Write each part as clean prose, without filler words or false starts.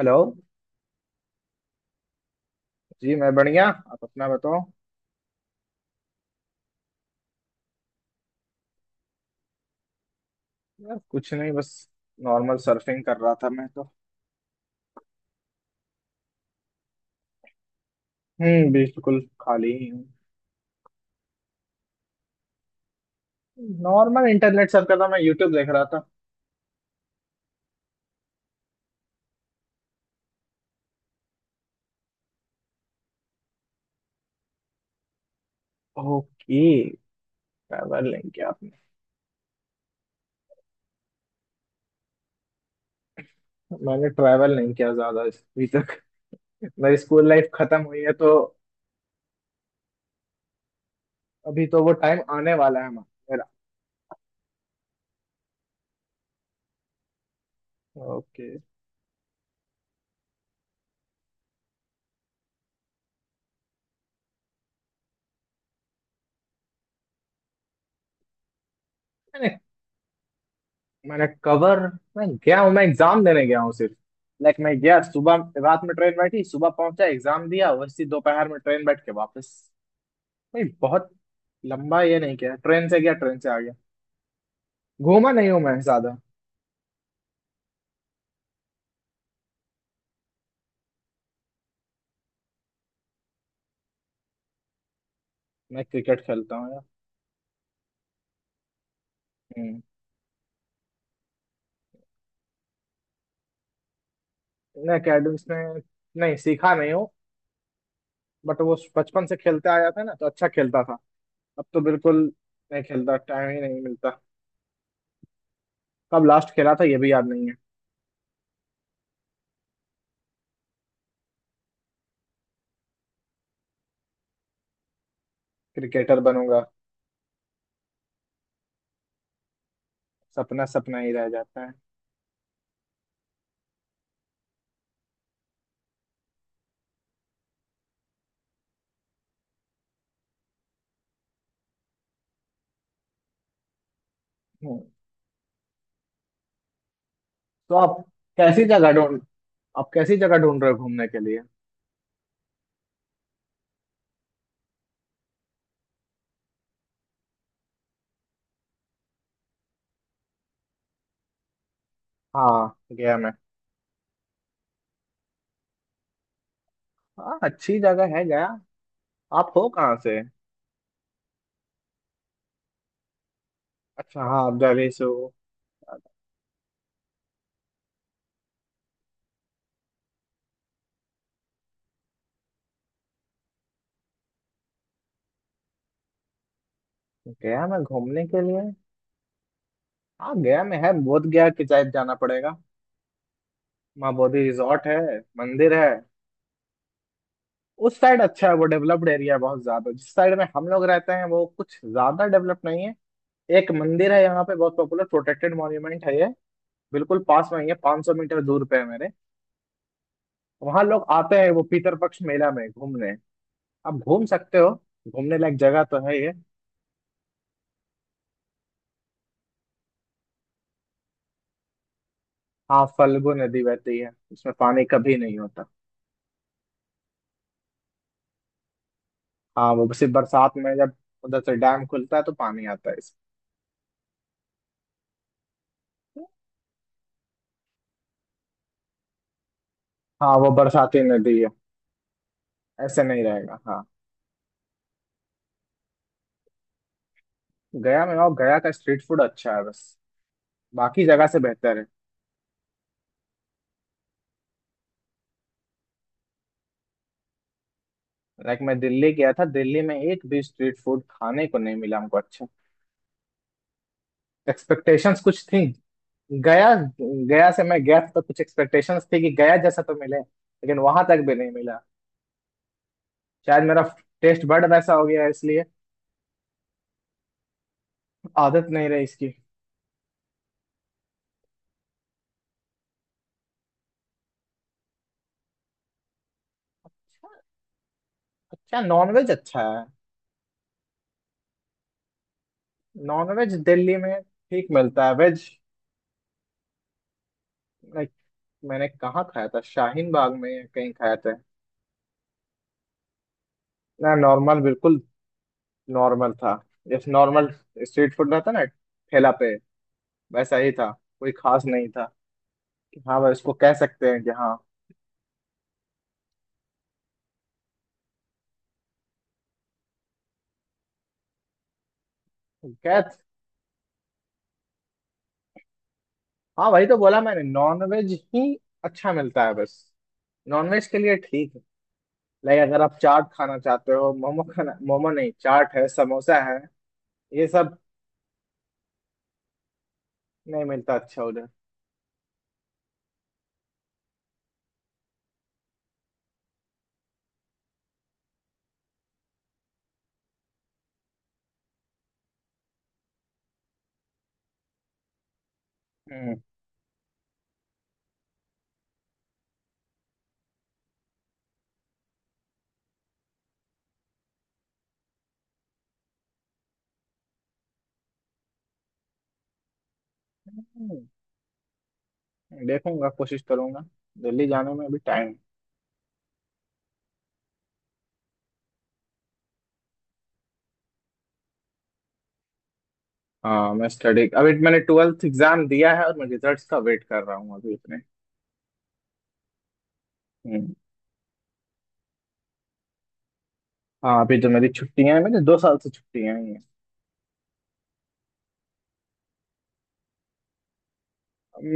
Hello. जी, मैं बढ़िया। आप अपना बताओ। यार कुछ नहीं, बस नॉर्मल सर्फिंग कर रहा था मैं तो। हम्म, बिल्कुल खाली ही हूँ। नॉर्मल इंटरनेट सर्फ कर रहा, मैं यूट्यूब देख रहा था। ओके। ट्रैवल नहीं किया आपने? मैंने ट्रैवल नहीं किया ज्यादा अभी तक। मेरी स्कूल लाइफ खत्म हुई है तो। अभी तो वो टाइम आने वाला है हमारा। मेरा ओके। मैंने मैंने कवर। मैं गया हूँ, मैं एग्जाम देने गया हूँ सिर्फ। लाइक मैं गया सुबह, रात में ट्रेन बैठी, सुबह पहुंचा, एग्जाम दिया, वैसे ही दोपहर में ट्रेन बैठ के वापस। नहीं बहुत लंबा ये नहीं किया, ट्रेन से गया, ट्रेन से आ गया। घूमा नहीं हूँ मैं ज्यादा। मैं क्रिकेट खेलता हूँ यार। हम्म। मैं अकेडमिक्स में नहीं सीखा नहीं हूँ, बट वो बचपन से खेलते आया था ना, तो अच्छा खेलता था। अब तो बिल्कुल नहीं खेलता, टाइम ही नहीं मिलता। कब लास्ट खेला था ये भी याद नहीं है। क्रिकेटर बनूंगा, सपना सपना ही रह जाता है। हम्म। तो आप कैसी जगह ढूंढ आप कैसी जगह ढूंढ रहे हो घूमने के लिए? हाँ, गया मैं। हाँ, अच्छी जगह है गया। आप हो कहाँ से? अच्छा, हाँ, आप दिल्ली से हो। गया मैं घूमने के लिए। हाँ, गया में है बोध गया, कि शायद जाना पड़ेगा। वहाँ बोधि रिजॉर्ट है, मंदिर है। उस साइड अच्छा है, वो डेवलप्ड एरिया है बहुत ज्यादा। जिस साइड में हम लोग रहते हैं वो कुछ ज्यादा डेवलप नहीं है। एक मंदिर है यहाँ पे, बहुत पॉपुलर प्रोटेक्टेड मॉन्यूमेंट है ये। बिल्कुल पास में ही है, 500 मीटर दूर पे है मेरे। वहाँ लोग आते हैं, वो पीतर पक्ष मेला में घूमने। आप घूम सकते हो, घूमने लायक जगह तो है ये। हाँ, फल्गु नदी बहती है, उसमें पानी कभी नहीं होता। हाँ, वो सिर्फ बरसात में, जब उधर से डैम खुलता है तो पानी आता है इसमें। हाँ वो बरसाती नदी है, ऐसे नहीं रहेगा, हाँ। गया में, और गया का स्ट्रीट फूड अच्छा है बस, बाकी जगह से बेहतर है। लाइक मैं दिल्ली गया था, दिल्ली में एक भी स्ट्रीट फूड खाने को नहीं मिला हमको अच्छा। एक्सपेक्टेशंस कुछ थी। गया, गया से मैं गया था तो कुछ एक्सपेक्टेशंस थी कि गया जैसा तो मिले, लेकिन वहां तक भी नहीं मिला। शायद मेरा टेस्ट बड वैसा हो गया है, इसलिए आदत नहीं रही इसकी। अच्छा, नॉनवेज अच्छा है। नॉन वेज दिल्ली में ठीक मिलता है, वेज। लाइक मैंने कहाँ खाया था, शाहीन बाग में या कहीं खाया था। ना, नॉर्मल, बिल्कुल नॉर्मल था। जैसे नॉर्मल स्ट्रीट फूड रहता है ना, ठेला पे, वैसा ही था, कोई खास नहीं था। कि हाँ भाई इसको कह सकते हैं कि हाँ। कह, हाँ वही तो बोला मैंने, नॉन वेज ही अच्छा मिलता है बस। नॉन वेज के लिए ठीक है। लाइक अगर आप चाट खाना चाहते हो, मोमो खाना, मोमो नहीं, चाट है, समोसा है, ये सब नहीं मिलता अच्छा उधर। हम्म, देखूंगा, कोशिश करूंगा। दिल्ली जाने में अभी टाइम। हाँ, मैं स्टडी, अभी मैंने 12th एग्जाम दिया है और मैं रिजल्ट्स का वेट कर रहा हूँ अभी अपने। हम्म। हाँ अभी तो मेरी छुट्टियां हैं, मेरी 2 साल से छुट्टियां ही हैं।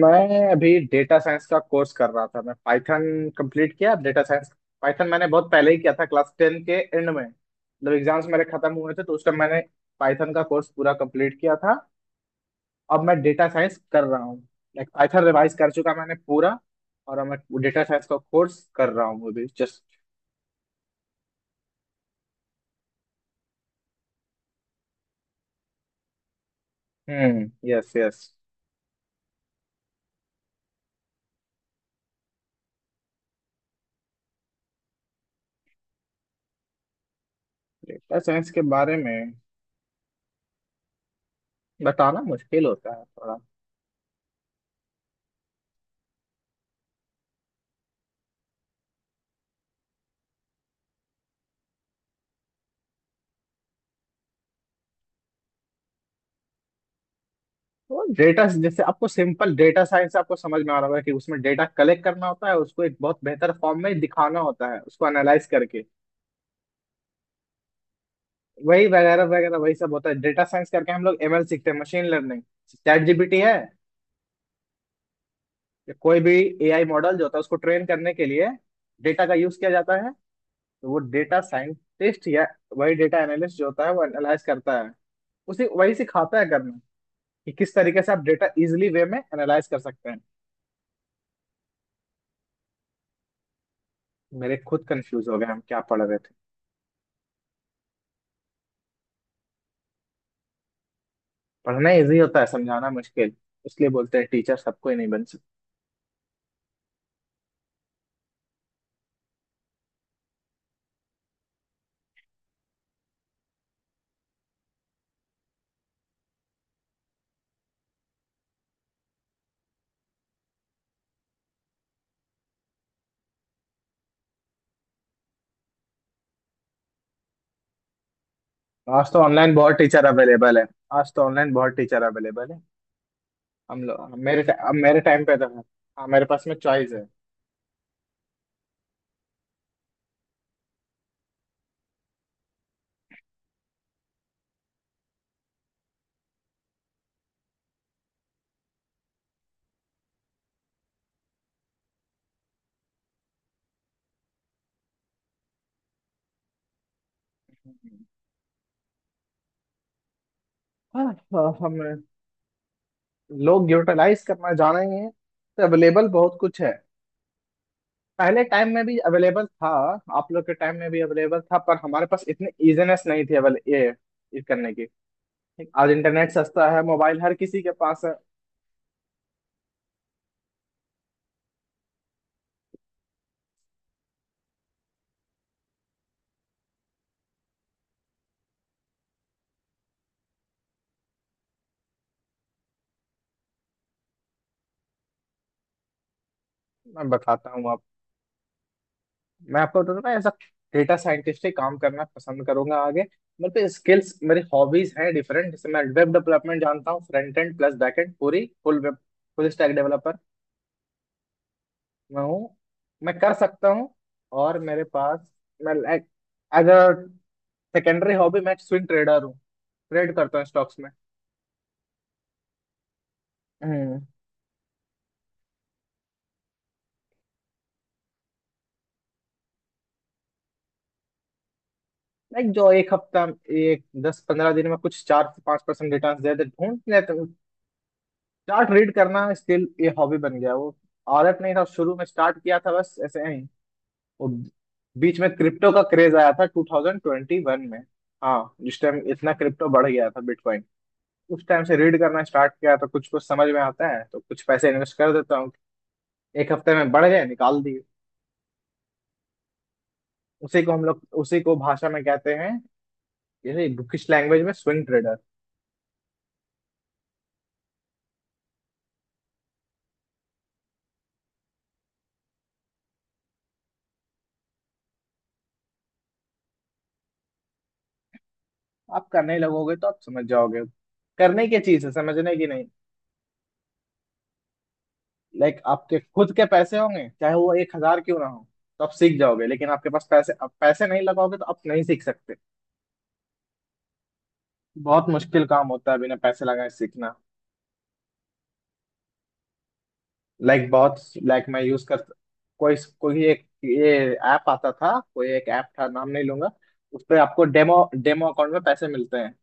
मैं अभी डेटा साइंस का कोर्स कर रहा था, मैं पाइथन कंप्लीट किया, डेटा साइंस। पाइथन मैंने बहुत पहले ही किया था, क्लास 10 के एंड में, मतलब एग्जाम्स मेरे खत्म हुए थे तो उस टाइम मैंने पाइथन का कोर्स पूरा कंप्लीट किया था। अब मैं डेटा साइंस कर रहा हूँ, लाइक पाइथन रिवाइज कर चुका मैंने पूरा, और अब मैं डेटा साइंस का कोर्स कर रहा हूँ अभी just. Hmm, yes yes. Data science के बारे में बताना मुश्किल होता है थोड़ा। तो डेटा, जैसे आपको सिंपल डेटा साइंस आपको समझ में आ रहा होगा कि उसमें डेटा कलेक्ट करना होता है, उसको एक बहुत बेहतर फॉर्म में दिखाना होता है, उसको एनालाइज करके वही वगैरह वगैरह वही सब होता है। डेटा साइंस करके हम लोग एमएल सीखते हैं, मशीन लर्निंग। चैट जीपीटी है या कोई भी एआई मॉडल जो होता है उसको ट्रेन करने के लिए डेटा का यूज किया जाता है। तो वो डेटा साइंटिस्ट या वही डेटा एनालिस्ट जो होता है वो एनालाइज करता है। उसी, वही सिखाता है करना कि किस तरीके से आप डेटा इजिली वे में एनालाइज कर सकते हैं। मेरे खुद कंफ्यूज हो गए, हम क्या पढ़ रहे थे। पढ़ना इजी होता है, समझाना मुश्किल। इसलिए बोलते हैं टीचर सबको ही नहीं बन सकते। आज तो ऑनलाइन बहुत टीचर अवेलेबल है। आज तो ऑनलाइन बहुत टीचर अवेलेबल है। हम लोग अब मेरे टाइम पे तो है। हाँ, मेरे पास में चॉइस है। हाँ, हाँ, हम लोग यूटिलाइज करना जानेंगे तो अवेलेबल बहुत कुछ है। पहले टाइम में भी अवेलेबल था, आप लोग के टाइम में भी अवेलेबल था, पर हमारे पास इतने इजीनेस नहीं थे अवेल ये करने की। आज इंटरनेट सस्ता है, मोबाइल हर किसी के पास है। मैं बताता हूँ आप, मैं आपको तो ना ऐसा डेटा साइंटिस्ट ही काम करना पसंद करूंगा आगे। मेरे पे स्किल्स, मेरी हॉबीज हैं डिफरेंट। जैसे मैं वेब डेवलपमेंट जानता हूँ, front end plus back end, पूरी full web, full stack developer मैं हूँ, मैं कर सकता हूँ। और मेरे पास, मैं like as a secondary hobby मैं स्विंग ट्रेडर हूँ, ट्रेड करता हूँ स्टॉक्स में। हम्म। लाइक जो एक हफ्ता, एक 10-15 दिन में कुछ 4 से 5% रिटर्न दे दे ढूंढ लेते हैं। चार्ट रीड करना स्टिल ये हॉबी बन गया वो। आदत नहीं था, शुरू में स्टार्ट किया था बस ऐसे ही वो। बीच में क्रिप्टो का क्रेज आया था 2021 में, हाँ जिस टाइम इतना क्रिप्टो बढ़ गया था बिटकॉइन। उस टाइम से रीड करना स्टार्ट किया, तो कुछ कुछ समझ में आता है, तो कुछ पैसे इन्वेस्ट कर देता हूँ, एक हफ्ते में बढ़ गए निकाल दिए। उसी को हम लोग, उसी को भाषा में कहते हैं जैसे बुकिश लैंग्वेज में, स्विंग ट्रेडर। आप करने लगोगे तो आप समझ जाओगे, करने की चीज है, समझने की नहीं। लाइक आपके खुद के पैसे होंगे, चाहे वो 1,000 क्यों ना हो, तो आप सीख जाओगे। लेकिन आपके पास पैसे, आप पैसे नहीं लगाओगे तो आप नहीं सीख सकते। बहुत मुश्किल काम होता है बिना पैसे लगाए सीखना। लाइक बहुत, लाइक मैं यूज कर, कोई कोई एक ये ऐप आता था, कोई एक ऐप था, नाम नहीं लूंगा। उस पे आपको डेमो, डेमो अकाउंट में पैसे मिलते हैं।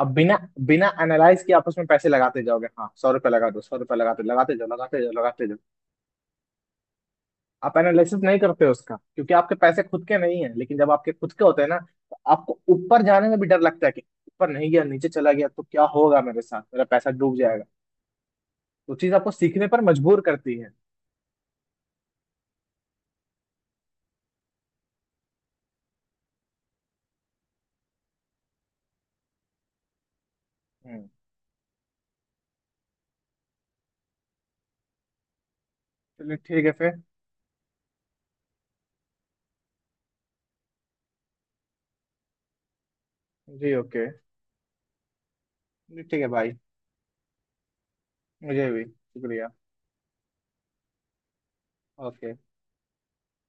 अब बिना बिना एनालाइज किए आप उसमें पैसे लगाते जाओगे, हाँ 100 रुपये लगा, 200 रुपये, लगाते लगाते जाओ, लगाते जाओ, लगाते जाओ। आप एनालिसिस नहीं करते हो उसका, क्योंकि आपके पैसे खुद के नहीं है लेकिन जब आपके खुद के होते हैं ना तो आपको ऊपर जाने में भी डर लगता है कि ऊपर नहीं गया, नीचे चला गया तो क्या होगा मेरे साथ, मेरा पैसा डूब जाएगा। तो चीज आपको सीखने पर मजबूर करती है। हम्म। चलिए ठीक है फिर। जी ओके। ठीक है भाई, मुझे भी शुक्रिया। ओके।